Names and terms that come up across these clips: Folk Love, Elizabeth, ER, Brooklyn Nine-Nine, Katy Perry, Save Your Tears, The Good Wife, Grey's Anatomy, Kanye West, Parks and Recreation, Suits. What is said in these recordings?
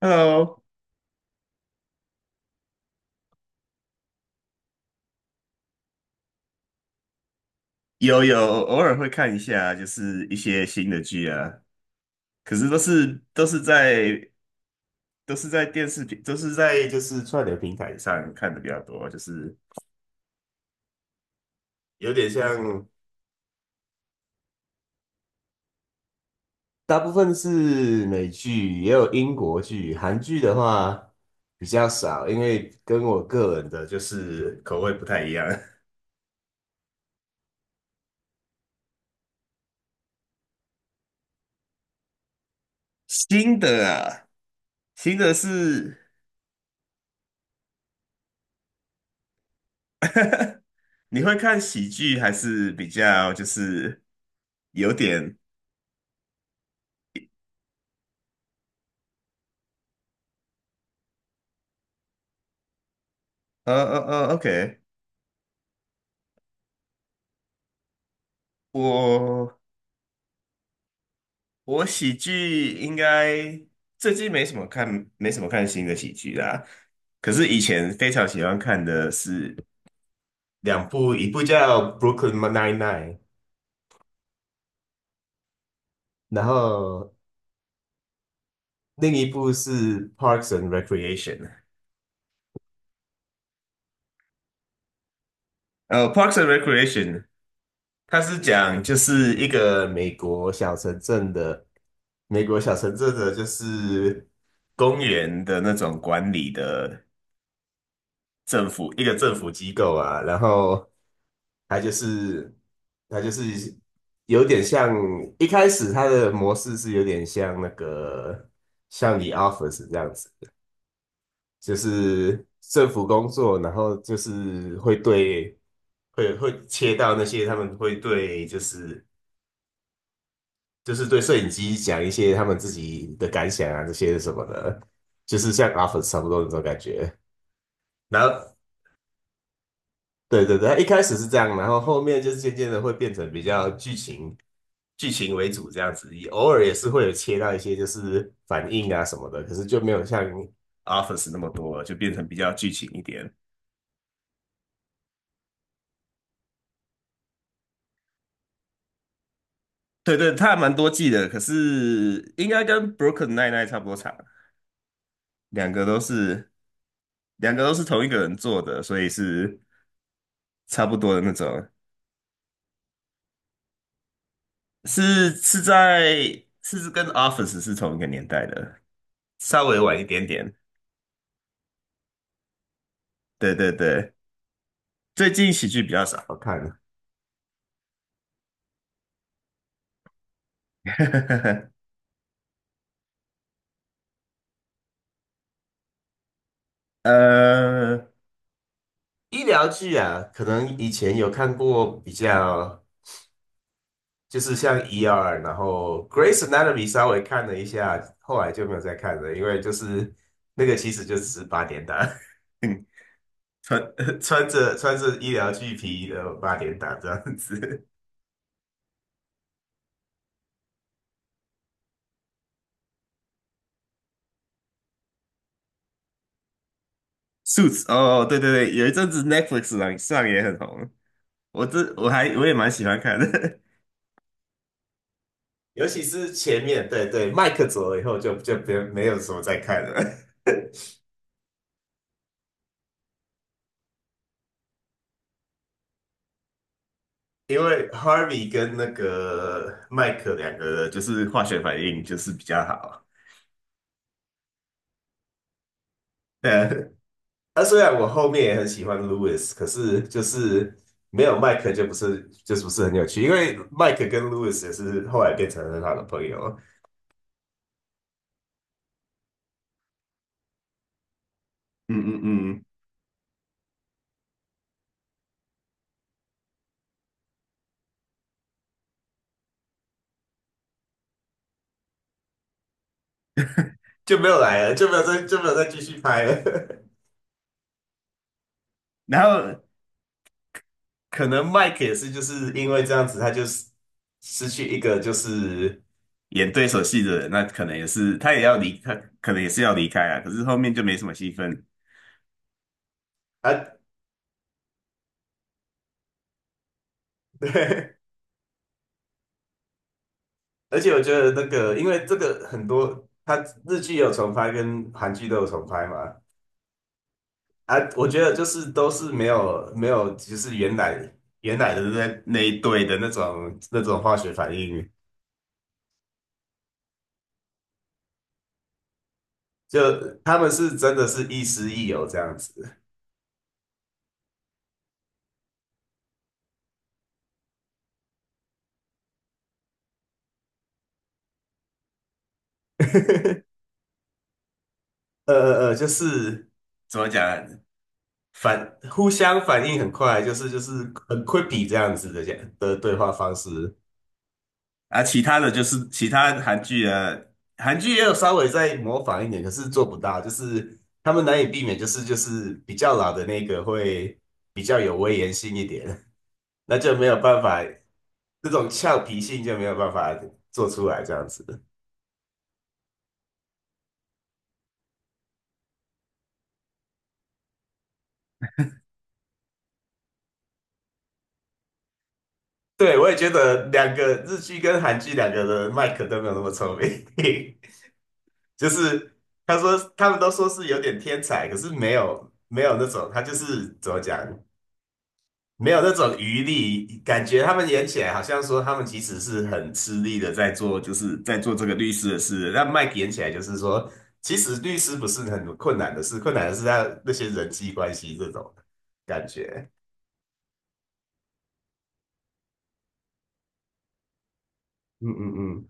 Hello。有，偶尔会看一下，就是一些新的剧啊，可是都是在就是串流平台上看的比较多，就是有点像，大部分是美剧，也有英国剧，韩剧的话比较少，因为跟我个人的就是口味不太一样。新的啊，新的是你会看喜剧还是比较就是有点？呃呃OK。我我喜剧应该最近没什么看，没什么看新的喜剧啦。可是以前非常喜欢看的是两部，一部叫《Brooklyn Nine-Nine》，然后另一部是《Parks and Recreation》。《Parks and Recreation》它是讲就是一个美国小城镇的，美国小城镇的就是公园的那种管理的。政府一个政府机构啊，然后他就是他就是有点像一开始他的模式是有点像那个像你 Office 这样子，就是政府工作，然后就是会对会会切到那些他们会对就是就是对摄影机讲一些他们自己的感想啊这些什么的，就是像 Office 差不多那种感觉。然后对对对，他一开始是这样，然后后面就是渐渐的会变成比较剧情为主这样子，也偶尔也是会有切到一些就是反应啊什么的，可是就没有像 Office 那么多了，就变成比较剧情一点。对对，它还蛮多季的，可是应该跟 b r o k e n i n 差不多长，两个都是两个都是同一个人做的，所以是差不多的那种，是是在是跟 Office 是同一个年代的，稍微晚一点点。对对对，最近喜剧比较少好看的。呃，医疗剧啊，可能以前有看过比较，就是像 ER,然后 g r a c e Anatomy 稍微看了一下，后来就没有再看了，因为就是那个其实就只是八点档。嗯，穿 穿着穿着医疗剧皮的八点档这样子。Suits 哦，对对对，有一阵子 Netflix 上也很红，我这我还我也蛮喜欢看的。尤其是前面，对对，麦克走了以后就别没有什么再看了。因为 Harvey 跟那个麦克两个人就是化学反应就是比较好。对啊，那虽然我后面也很喜欢 Lewis,可是就是没有麦克就不是不是很有趣，因为麦克跟 Lewis 也是后来变成很好的朋友，嗯嗯嗯。就没有来了，就没有再继续拍了。然后可能 Mike 也是就是因为这样子，他就是失去一个就是演对手戏的人，那可能也是他也要离，开，可能也是要离开啊。可是后面就没什么戏份啊。对。而且我觉得那个，因为这个很多，他日剧有重拍跟韩剧都有重拍嘛，啊，我觉得就是都是没有，就是原来的那一对的那种化学反应，就他们是真的是亦师亦友这样子。就是怎么讲啊，互相反应很快，就是很 quippy 这样子的讲的对话方式。啊，其他的就是其他韩剧啊，韩剧也有稍微在模仿一点，可是做不到，就是他们难以避免，就是比较老的那个会比较有威严性一点。那就没有办法，这种俏皮性就没有办法做出来这样子。对，我也觉得两个日剧跟韩剧两个的麦克都没有那么聪明。就是他说他们都说是有点天才，可是没有那种，他就是怎么讲，没有那种余力，感觉他们演起来好像说他们其实是很吃力的在做，就是在做这个律师的事。那 Mike 演起来就是说，其实律师不是很困难的事，困难的是他那些人际关系这种感觉。嗯嗯嗯，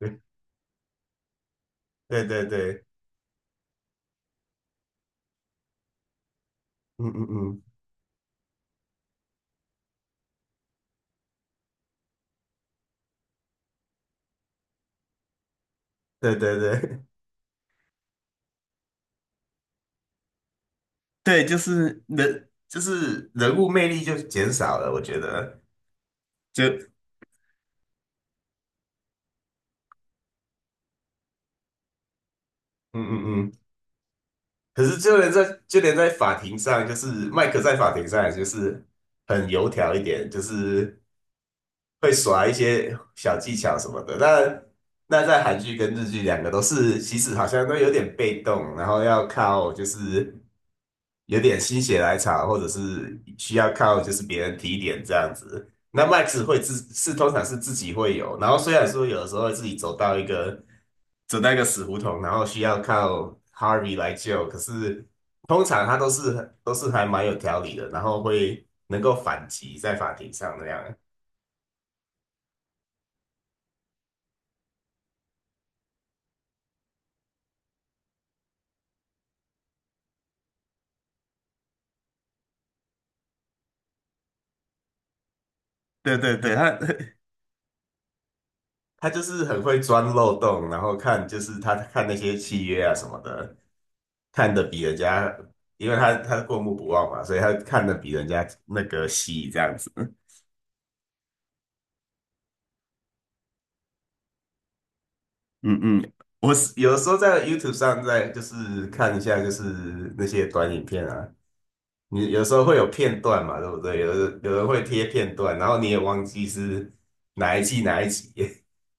对对对对，嗯嗯嗯，对对对。对，就是人，就是人物魅力就减少了，我觉得。就嗯嗯嗯，可是就连在法庭上，就是麦克在法庭上也就是很油条一点，就是会耍一些小技巧什么的。那在韩剧跟日剧两个都是，其实好像都有点被动，然后要靠就是有点心血来潮，或者是需要靠就是别人提点这样子。那麦克 x 会自是通常是自己会有，然后虽然说有的时候会自己走到一个。走到一个死胡同，然后需要靠 Harvey 来救。可是通常他都是还蛮有条理的，然后会能够反击在法庭上那样。对对对，他 他就是很会钻漏洞，然后看就是他看那些契约啊什么的，看的比人家，因为他过目不忘嘛，所以他看的比人家那个细这样子。嗯嗯，我是有时候在 YouTube 上在就是看一下就是那些短影片啊，你有时候会有片段嘛，对不对？有的有人会贴片段，然后你也忘记是哪一季哪一集。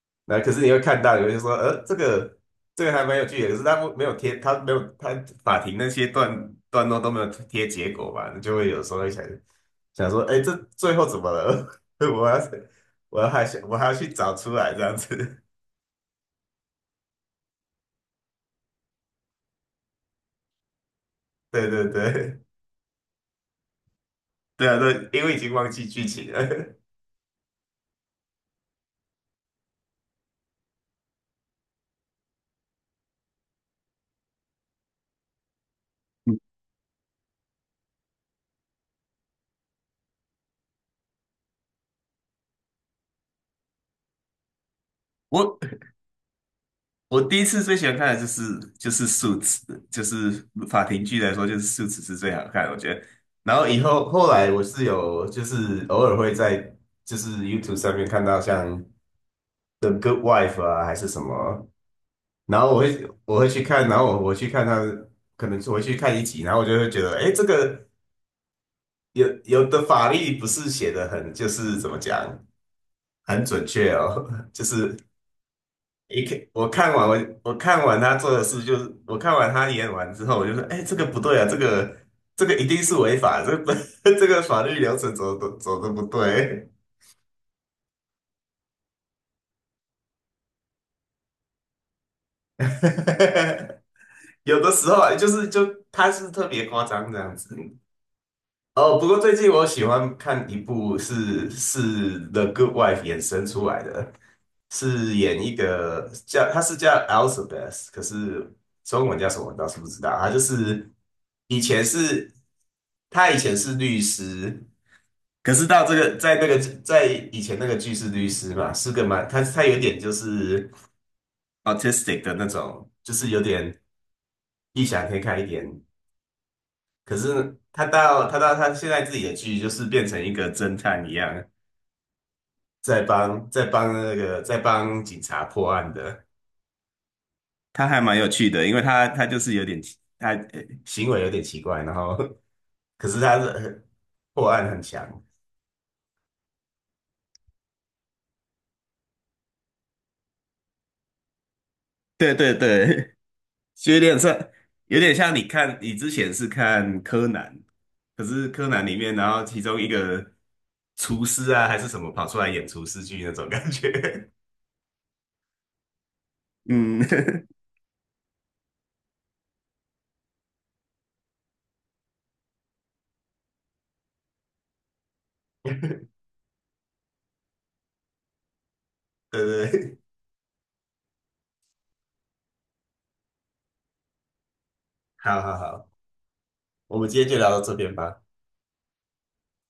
那可是你会看到，有人说，这个还蛮有趣的，可是他不没有贴，他没有他法庭那些段落都没有贴结果吧，你就会有时候会想想说，哎，这最后怎么了？我要是我要还想我还要去找出来这样子。对对对。 对啊，对，因为已经忘记剧情了。我我第一次最喜欢看的就是《Suits》,就是法庭剧来说，就是《Suits》是最好看的，我觉得。然后后来我是有就是偶尔会在就是 YouTube 上面看到像《The Good Wife》啊还是什么，然后我会去看，然后我去看他，可能我会去看一集，然后我就会觉得，哎，这个有的法律不是写的很就是怎么讲很准确哦。就是一看我看完我看完他做的事，就是我看完他演完之后，我就说，哎，这个不对啊，这个一定是违法，这个 这个法律流程走的不对。有的时候啊，就是他是特别夸张这样子。哦，不过最近我喜欢看一部是《The Good Wife》衍生出来的，是演一个他是叫 Elizabeth,可是中文叫什么我倒是不知道。他就是以前是。他以前是律师，可是到这个在那个在以前那个剧是律师嘛，是个蛮他有点就是 autistic 的那种，就是有点异想天开一点。可是他现在自己的剧就是变成一个侦探一样，在帮警察破案的，他还蛮有趣的，因为他就是有点奇行为有点奇怪，然后 可是他是破案很强。对对对，就有点像，有点像你看，你之前是看柯南，可是柯南里面，然后其中一个厨师啊，还是什么跑出来演厨师剧那种感觉。嗯。对对对，好好好，我们今天就聊到这边吧。